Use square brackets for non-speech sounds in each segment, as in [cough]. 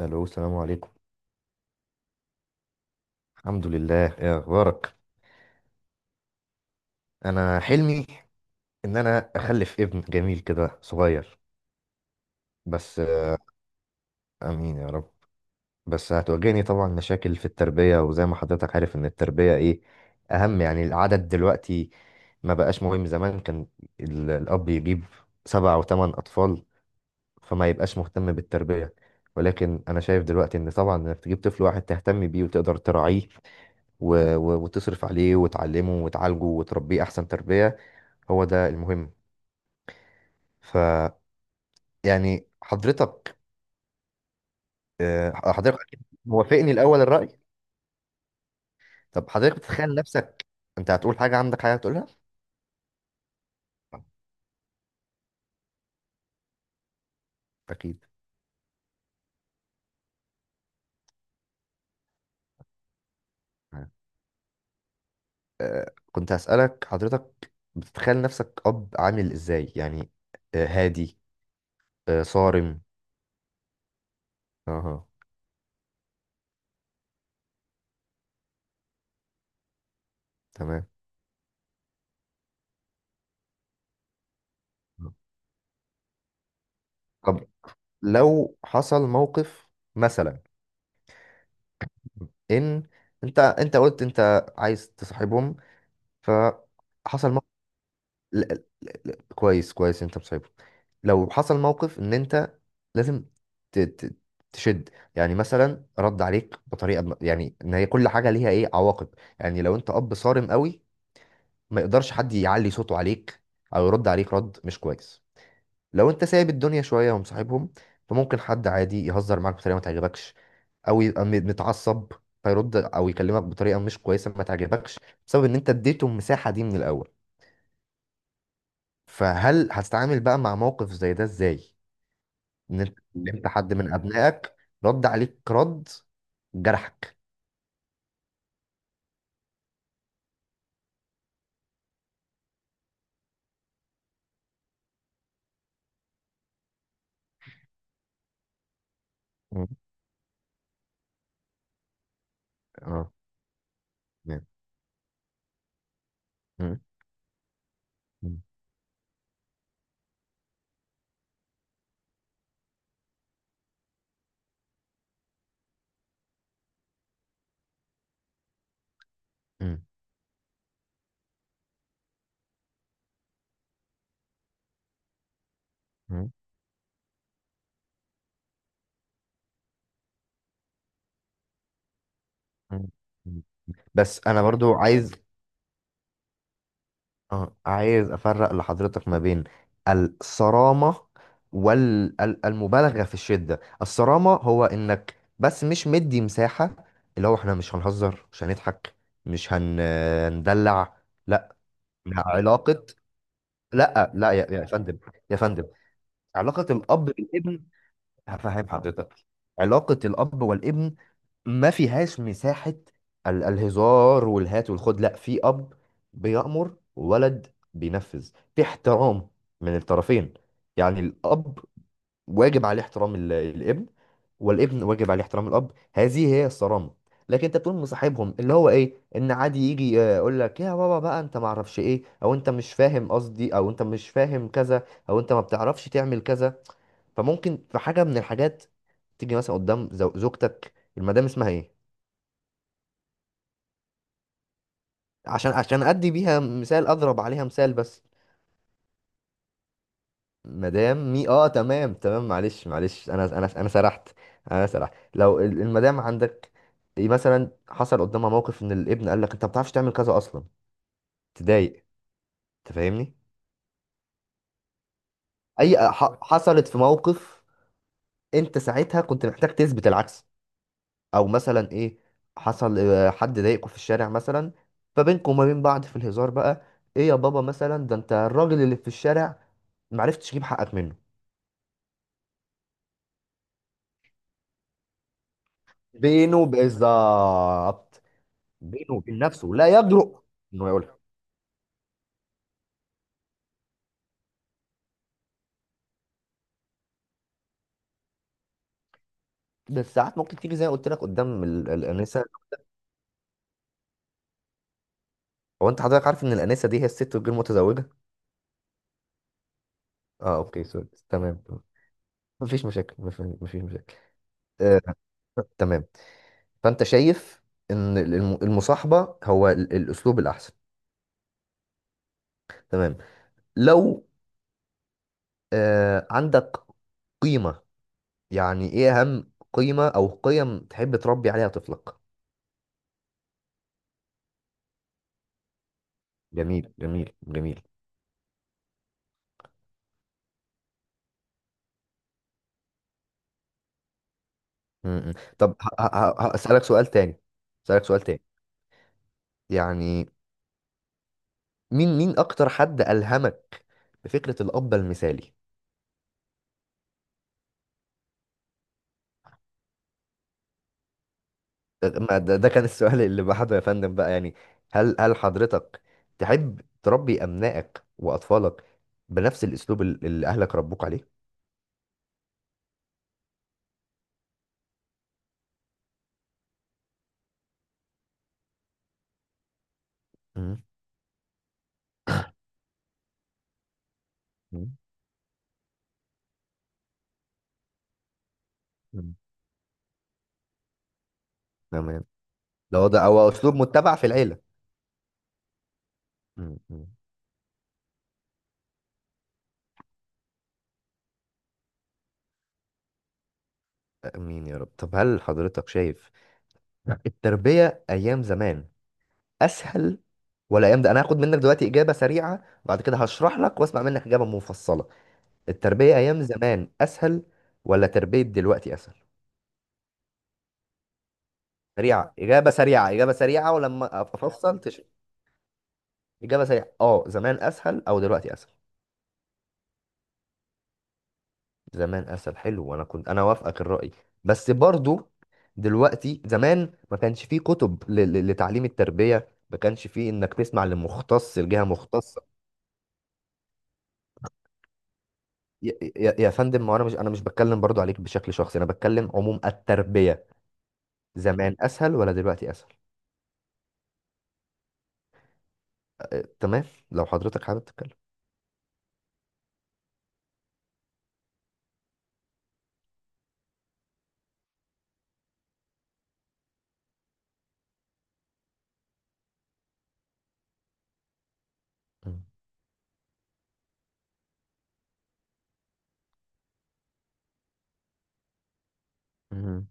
الو، السلام عليكم. الحمد لله، ايه اخبارك. انا حلمي ان انا اخلف ابن جميل كده صغير. بس امين يا رب. بس هتواجهني طبعا مشاكل في التربية، وزي ما حضرتك عارف ان التربية ايه اهم يعني العدد دلوقتي. ما بقاش مهم، زمان كان الاب يجيب سبع او ثمان اطفال، فما يبقاش مهتم بالتربية. ولكن انا شايف دلوقتي ان طبعا انك تجيب طفل واحد تهتم بيه وتقدر تراعيه وتصرف عليه وتعلمه وتعالجه وتربيه احسن تربية. هو ده المهم. ف يعني حضرتك، حضرتك أكيد موافقني الاول الرأي. طب حضرتك بتتخيل نفسك، انت هتقول حاجة، عندك حاجة تقولها؟ اكيد. كنت هسألك، حضرتك بتتخيل نفسك اب عامل ازاي يعني؟ هادي، صارم؟ اها. تمام. طب لو حصل موقف مثلا، ان انت قلت انت عايز تصاحبهم، فحصل موقف. كويس كويس، انت مصاحبه. لو حصل موقف ان انت لازم ت- ت- تشد، يعني مثلا رد عليك بطريقه يعني ان هي كل حاجه ليها ايه عواقب. يعني لو انت اب صارم قوي، ما يقدرش حد يعلي صوته عليك او يرد عليك رد مش كويس. لو انت سايب الدنيا شويه ومصاحبهم، فممكن حد عادي يهزر معاك بطريقه ما تعجبكش، او يبقى متعصب فيرد او يكلمك بطريقه مش كويسه ما تعجبكش، بسبب ان انت اديته المساحه دي من الاول. فهل هتتعامل بقى مع موقف زي ده ازاي؟ ان انت كلمت حد من ابنائك، رد عليك رد جرحك. مم. اه، تمام. مم. مم. مم. مم. مم. مم. بس انا برضو عايز، اه، عايز افرق لحضرتك ما بين الصرامة والمبالغة في الشدة. الصرامة هو انك بس مش مدي مساحة، اللي هو احنا مش هنهزر، مش هنضحك، مش هن- هندلع. لا. علاقة، لا لا، يا فندم، يا فندم. علاقة الأب بالابن، هفهم حضرتك. علاقة الأب والابن ما فيهاش مساحة الهزار والهات والخد. لا، في أب بيأمر وولد بينفذ، في احترام من الطرفين. يعني الأب واجب عليه احترام الابن، والابن واجب عليه احترام الأب. هذه هي الصرامة. لكن انت تقوم مصاحبهم، اللي هو ايه، ان عادي يجي يقول لك يا بابا بقى انت ما اعرفش ايه، او انت مش فاهم قصدي، او انت مش فاهم كذا، او انت ما بتعرفش تعمل كذا. فممكن في حاجه من الحاجات تيجي مثلا قدام زوجتك، المدام اسمها ايه؟ عشان ادي بيها مثال، اضرب عليها مثال بس. مدام مي، اه تمام تمام. معلش معلش، انا سرحت. انا سرحت. لو المدام عندك، إيه مثلا حصل قدامها موقف ان الابن قال لك انت ما بتعرفش تعمل كذا اصلا؟ تضايق؟ انت فاهمني؟ اي، حصلت في موقف انت ساعتها كنت محتاج تثبت العكس. او مثلا ايه، حصل حد ضايقكوا في الشارع مثلا، فبينكم وما بين بعض في الهزار بقى: ايه يا بابا مثلا ده، انت الراجل اللي في الشارع معرفتش تجيب حقك منه. بينه بالظبط. بينه وبين نفسه لا يجرؤ انه يقولها. بس ساعات ممكن تيجي، زي ما قلت لك، قدام الانسه. هو انت حضرتك عارف ان الانسه دي هي الست الغير متزوجه؟ اه اوكي، سوري، تمام تمام. مفيش مشاكل، مفيش مشاكل. آه، تمام. فانت شايف ان المصاحبه هو الاسلوب الاحسن. تمام. لو عندك قيمة، يعني ايه اهم قيمة او قيم تحب تربي عليها طفلك؟ جميل جميل جميل. م-م. طب هسألك سؤال تاني، هسألك سؤال تاني، يعني مين، مين اكتر حد ألهمك بفكرة الأب المثالي؟ ما ده، ده كان السؤال اللي بعده يا فندم بقى. يعني هل حضرتك تحب تربي أبنائك وأطفالك بنفس الأسلوب اللي أهلك ربوك عليه؟ م-م. م. تمام. ده هو، ده هو اسلوب متبع في العيله. م- م. امين يا رب. طب هل حضرتك شايف التربية ايام زمان اسهل ولا ايام ده؟ انا هاخد منك دلوقتي اجابة سريعة، بعد كده هشرح لك واسمع منك اجابة مفصلة. التربية ايام زمان اسهل ولا تربية دلوقتي اسهل؟ سريعة، اجابة سريعة، اجابة سريعة، ولما افصل تش... اجابة سريعة، اه، زمان اسهل او دلوقتي اسهل؟ زمان اسهل، حلو، وانا كنت انا وافقك الراي. بس برضو دلوقتي، زمان ما كانش فيه كتب لتعليم التربيه، ما كانش فيه انك تسمع لمختص، لجهه مختصه. يا فندم، ما هو انا مش انا مش بتكلم برضو عليك بشكل شخصي، انا بتكلم عموم التربيه. زمان اسهل ولا دلوقتي اسهل؟ أه، تمام. لو حضرتك حابب تتكلم. مم. مم.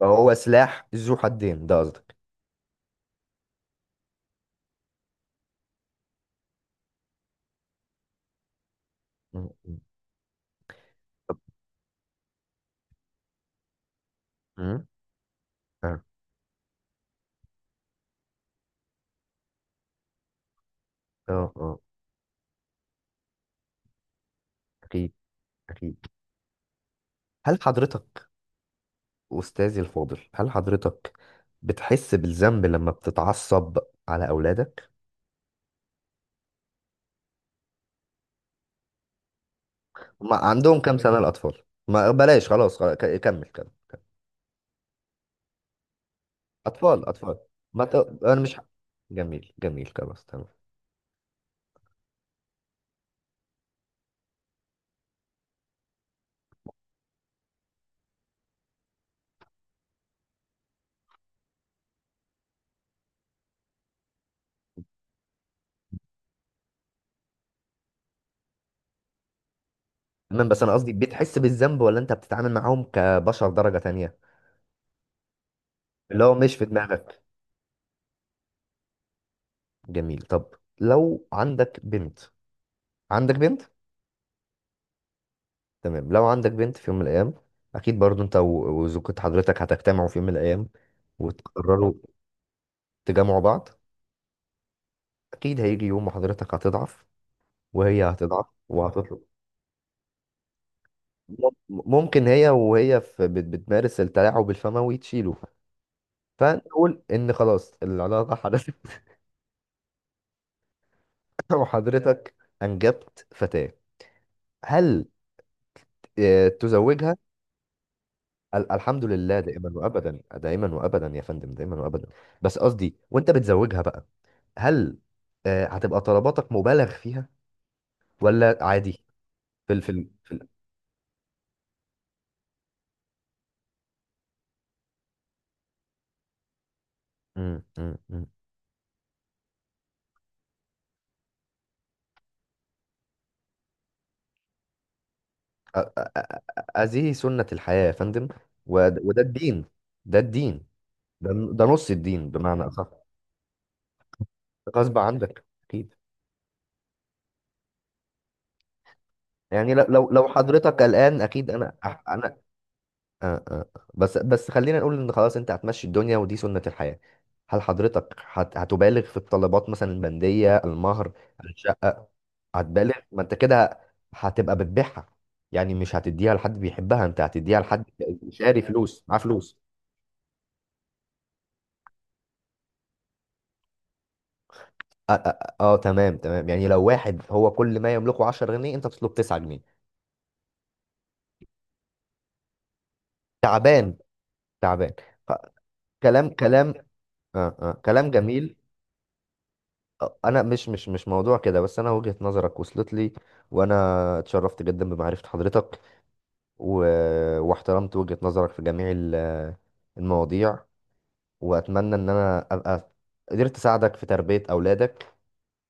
فهو سلاح ذو حدين ده قصدك؟ مم. مم. مم. اه، اه. آه. اكيد، اكيد. هل حضرتك، أستاذي الفاضل، هل حضرتك بتحس بالذنب لما بتتعصب على أولادك؟ ما عندهم كام سنة الأطفال؟ ما بلاش، خلاص خلاص، كمل كمل. أطفال أطفال، ما ت... أنا مش ح- جميل جميل، خلاص، تمام. تمام، بس أنا قصدي بتحس بالذنب، ولا أنت بتتعامل معاهم كبشر درجة تانية؟ اللي هو مش في دماغك. جميل. طب لو عندك بنت، عندك بنت؟ تمام، لو عندك بنت في يوم من الأيام. أكيد برضو أنت وزوجة حضرتك هتجتمعوا في يوم من الأيام وتقرروا تجمعوا بعض. اكيد هيجي يوم وحضرتك هتضعف وهي هتضعف وهتطلب. ممكن هي وهي في بتمارس التلاعب الفموي تشيله، فنقول ان خلاص العلاقه حدثت. [laughs] وحضرتك انجبت فتاه. هل تزوجها؟ الحمد لله دائما وابدا، دائما وابدا يا فندم، دائما وابدا. بس قصدي وانت بتزوجها بقى، هل هتبقى طلباتك مبالغ فيها ولا عادي؟ في ال في ال في ال- مم، مم، مم. أ- أ- هذه سنة الحياة يا فندم. وده الدين، ده الدين، ده، ده نص الدين بمعنى أصح. غصب عنك أكيد. يعني لو حضرتك قلقان، أكيد أنا أنا، آه، آه. بس بس خلينا نقول إن خلاص أنت هتمشي الدنيا ودي سنة الحياة. هل حضرتك هتبالغ في الطلبات، مثلا البندية، المهر، الشقة؟ هتبالغ؟ ما أنت كده هتبقى بتبيعها، يعني مش هتديها لحد بيحبها، أنت هتديها لحد شاري، فلوس، معاه فلوس. اه، آه، آه، تمام تمام. يعني لو واحد هو كل ما يملكه 10 جنيه، انت تطلب 9 جنيه. تعبان، تعبان. ف- كلام، كلام. آه آه، كلام جميل. انا مش موضوع كده، بس انا وجهة نظرك وصلت لي. وانا اتشرفت جدا بمعرفة حضرتك و... واحترمت وجهة نظرك في جميع المواضيع، واتمنى ان انا ابقى قدرت اساعدك في تربية اولادك،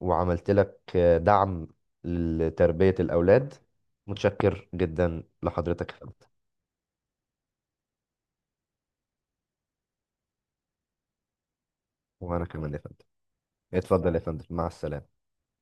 وعملت لك دعم لتربية الاولاد. متشكر جدا لحضرتك يا فندم. وانا كمان يا فندم. اتفضل يا فندم، مع السلامة.